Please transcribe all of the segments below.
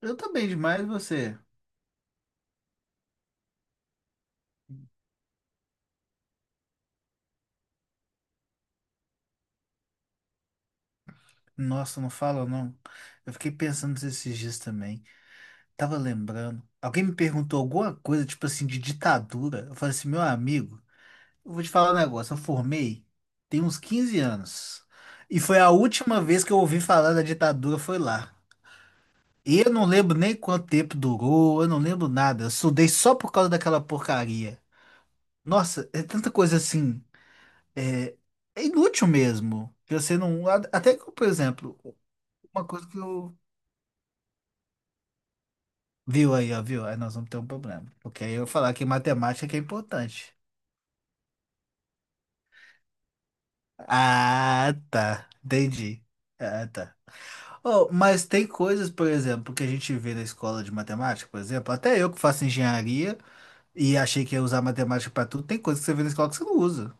Eu tô bem demais, você? Nossa, não fala não. Eu fiquei pensando nisso esses dias também. Tava lembrando. Alguém me perguntou alguma coisa, tipo assim, de ditadura. Eu falei assim, meu amigo, eu vou te falar um negócio. Eu formei tem uns 15 anos. E foi a última vez que eu ouvi falar da ditadura, foi lá. E eu não lembro nem quanto tempo durou, eu não lembro nada. Eu estudei só por causa daquela porcaria. Nossa, é tanta coisa assim. É, é inútil mesmo. Que você não. Até que, por exemplo. Uma coisa que eu. Viu aí, ó, viu? Aí nós vamos ter um problema. Porque aí eu falar que matemática que é importante. Ah, tá. Entendi. Ah, tá. Oh, mas tem coisas, por exemplo, que a gente vê na escola de matemática, por exemplo, até eu que faço engenharia e achei que ia usar matemática pra tudo, tem coisas que você vê na escola que você não usa.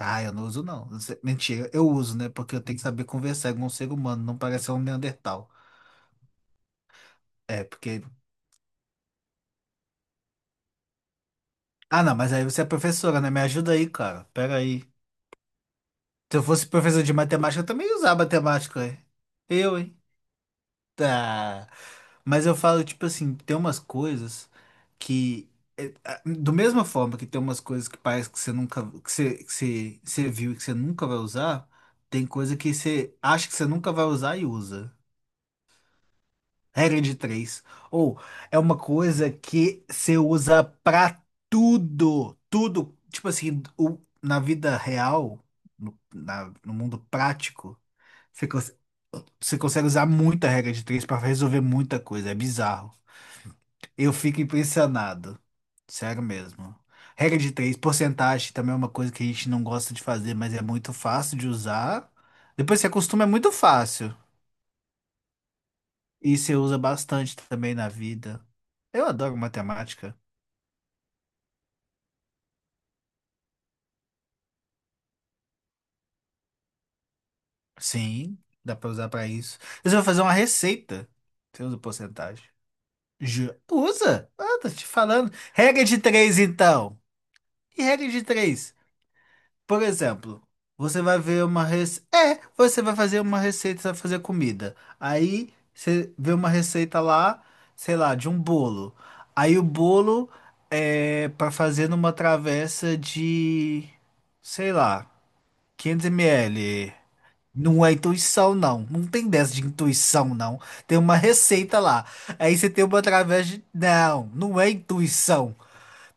Ah, eu não uso, não. Mentira, eu uso, né? Porque eu tenho que saber conversar com um ser humano, não parecer um Neandertal. É, porque. Ah, não, mas aí você é professora, né? Me ajuda aí, cara. Pera aí. Se eu fosse professor de matemática, eu também ia usar matemática. Ué. Eu, hein? Tá. Mas eu falo, tipo assim, tem umas coisas que. É, do mesma forma que tem umas coisas que parece que você nunca. Que você viu e que você nunca vai usar, tem coisa que você acha que você nunca vai usar e usa. Regra de três. Ou é uma coisa que você usa pra tudo. Tudo. Tipo assim, o- na vida real, no mundo prático. Você, cons- você consegue usar muita regra de três para resolver muita coisa. É bizarro. Eu fico impressionado. Sério mesmo. Regra de três, porcentagem também é uma coisa que a gente não gosta de fazer, mas é muito fácil de usar. Depois você acostuma, é muito fácil. E você usa bastante também na vida. Eu adoro matemática. Sim, dá para usar para isso. Você vai fazer uma receita. Você usa porcentagem. Usa? Ah, tô te falando. Regra de três, então. E regra de três? Por exemplo, você vai ver uma receita. É, você vai fazer uma receita, você vai fazer comida. Aí você vê uma receita lá, sei lá, de um bolo. Aí o bolo é para fazer numa travessa de, sei lá, 500 ml. Não é intuição, não. Não tem dessa de intuição, não. Tem uma receita lá. Aí você tem uma travessa de. Não, não é intuição.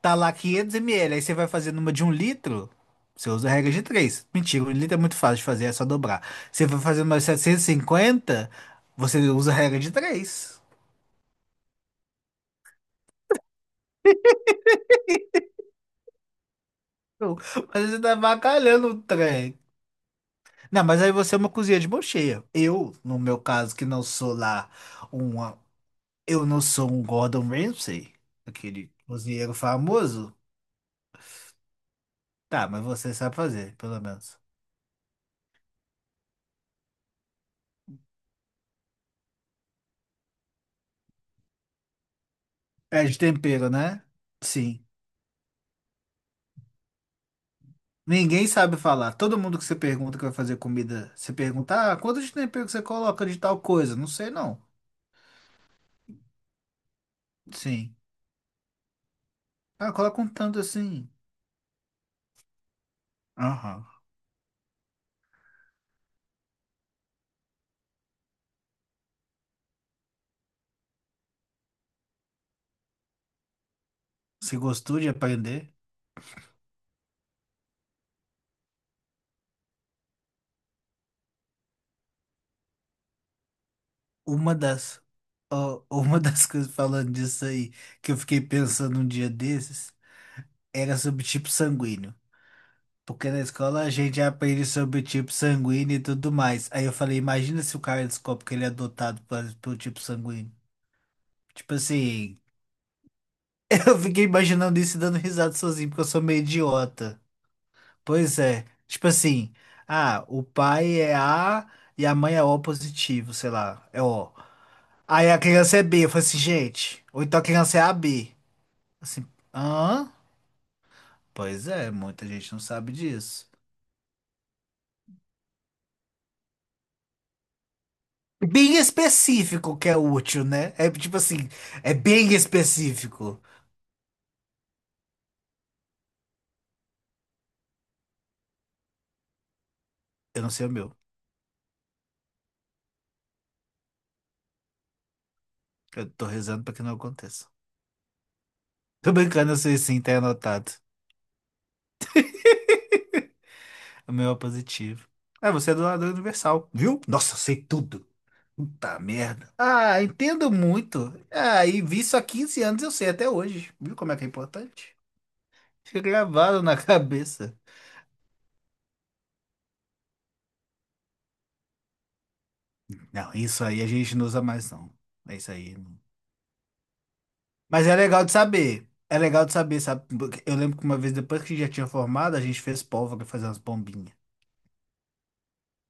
Tá lá 500 ml, aí você vai fazer numa de 1 litro, você usa a regra de três. Mentira, 1 litro é muito fácil de fazer, é só dobrar. Você vai fazer uma de 750, você usa a regra de três. Mas você tá bacalhando o trem. Não, mas aí você é uma cozinha de mão cheia. Eu, no meu caso, que não sou lá uma. Eu não sou um Gordon Ramsay, aquele cozinheiro famoso. Tá, mas você sabe fazer, pelo menos. É de tempero, né? Sim. Ninguém sabe falar. Todo mundo que você pergunta que vai fazer comida, você pergunta, ah, quanto de tempero que você coloca de tal coisa? Não sei, não. Sim. Ah, coloca um tanto assim. Aham. Se gostou de aprender, uma das, ó, uma das coisas falando disso aí, que eu fiquei pensando um dia desses, era sobre tipo sanguíneo. Porque na escola a gente aprende sobre tipo sanguíneo e tudo mais. Aí eu falei, imagina se o cara descobre que ele é adotado pelo tipo sanguíneo. Tipo assim, eu fiquei imaginando isso e dando risada sozinho, porque eu sou meio idiota. Pois é. Tipo assim, ah, o pai é A e a mãe é O positivo, sei lá, é O. Aí a criança é B. Eu falei assim, gente. Ou então a criança é A B. Assim, hã? Pois é, muita gente não sabe disso. Bem específico que é útil, né? É tipo assim, é bem específico. Eu não sei o meu. Eu tô rezando pra que não aconteça. Tô brincando, eu sei sim, tá anotado. O meu é positivo. Ah, você é doador universal, viu? Nossa, eu sei tudo. Puta merda. Ah, entendo muito. Ah, e vi isso há 15 anos, eu sei até hoje. Viu como é que é importante? Fica gravado na cabeça. Não, isso aí a gente não usa mais, não. É isso aí. Não. Mas é legal de saber. É legal de saber, sabe? Porque eu lembro que uma vez, depois que já tinha formado, a gente fez pólvora fazer umas bombinhas.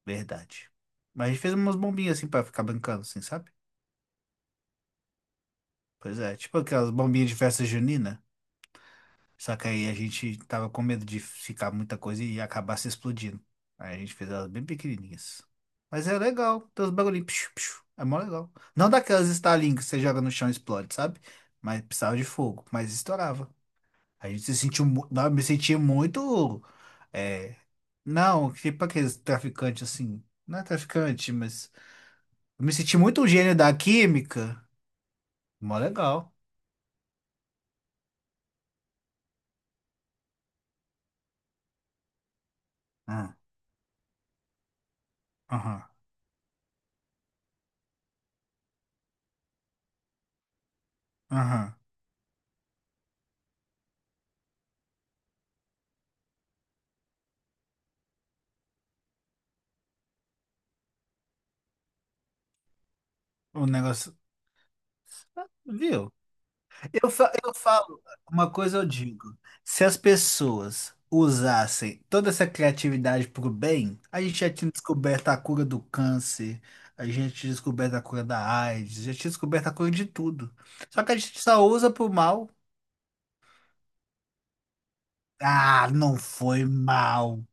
Verdade. Mas a gente fez umas bombinhas assim pra ficar brincando, assim, sabe? Pois é, tipo aquelas bombinhas de festa junina. Só que aí a gente tava com medo de ficar muita coisa e acabar se explodindo. Aí a gente fez elas bem pequenininhas. Mas é legal, tem uns bagulhinhos, psiu, psiu, é mó legal. Não daquelas Starlink que você joga no chão e explode, sabe? Mas precisava de fogo, mas estourava. A gente se sentiu. Não, eu me sentia muito. É... Não, tipo aqueles traficantes assim. Não é traficante, mas. Eu me senti muito um gênio da química. Mó legal. Hum. Aham, aham. O negócio. Ah, viu? Eu falo, uma coisa eu digo, se as pessoas usassem toda essa criatividade para o bem, a gente já tinha descoberto a cura do câncer, a gente tinha descoberto a cura da AIDS, já tinha descoberto a cura de tudo. Só que a gente só usa para o mal. Ah, não foi mal.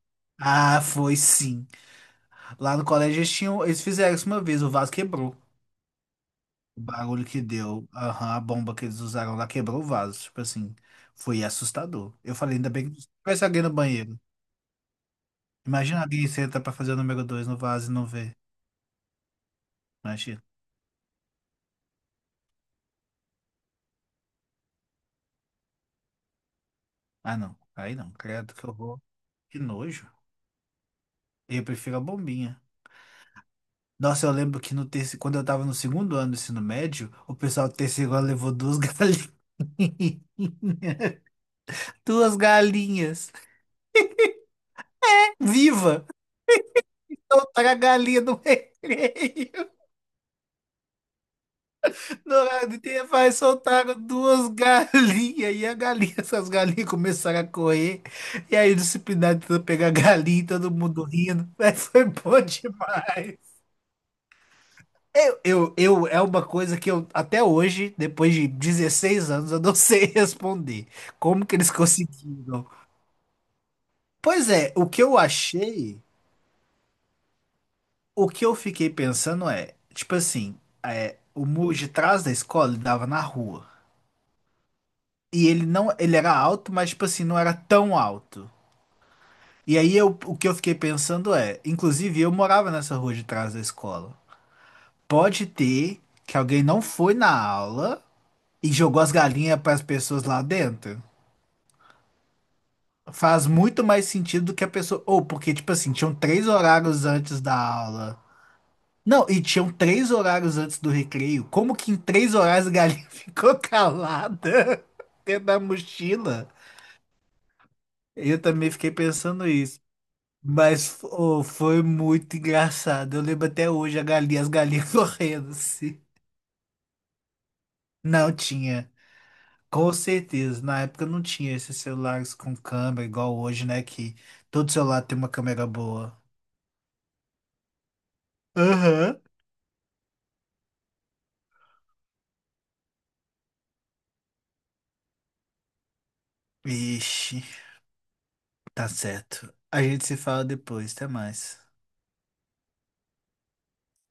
Ah, foi sim. Lá no colégio eles tinham, eles fizeram isso uma vez, o vaso quebrou. O barulho que deu, aham, a bomba que eles usaram lá quebrou o vaso. Tipo assim, foi assustador. Eu falei, ainda bem que se tivesse alguém no banheiro. Imagina alguém senta pra fazer o número 2 no vaso e não vê. Imagina. Ah, não. Aí não, credo, que horror. Que nojo. Eu prefiro a bombinha. Nossa, eu lembro que no terceiro, quando eu tava no segundo ano do ensino médio, o pessoal do terceiro ano levou duas galinhas. Duas galinhas. Viva! Soltaram a galinha no recreio. Dourado e vai soltaram duas galinhas, e a galinha, essas galinhas começaram a correr. E aí o disciplinado tentou pegar a galinha, e todo mundo rindo. Mas foi bom demais. Eu, é uma coisa que eu, até hoje, depois de 16 anos, eu não sei responder. Como que eles conseguiram? Pois é, o que eu achei, o que eu fiquei pensando é, tipo assim, é, o muro de trás da escola dava na rua. E ele não, ele era alto, mas tipo assim, não era tão alto. E aí eu, o que eu fiquei pensando é, inclusive eu morava nessa rua de trás da escola. Pode ter que alguém não foi na aula e jogou as galinhas para as pessoas lá dentro. Faz muito mais sentido do que a pessoa, ou porque tipo assim, tinham três horários antes da aula. Não, e tinham três horários antes do recreio. Como que em três horários a galinha ficou calada dentro da mochila? Eu também fiquei pensando isso. Mas oh, foi muito engraçado. Eu lembro até hoje a galinha, as galinhas correndo assim. Não tinha, com certeza. Na época não tinha esses celulares com câmera, igual hoje, né? Que todo celular tem uma câmera boa. Aham. Ixi, tá certo. A gente se fala depois, até mais.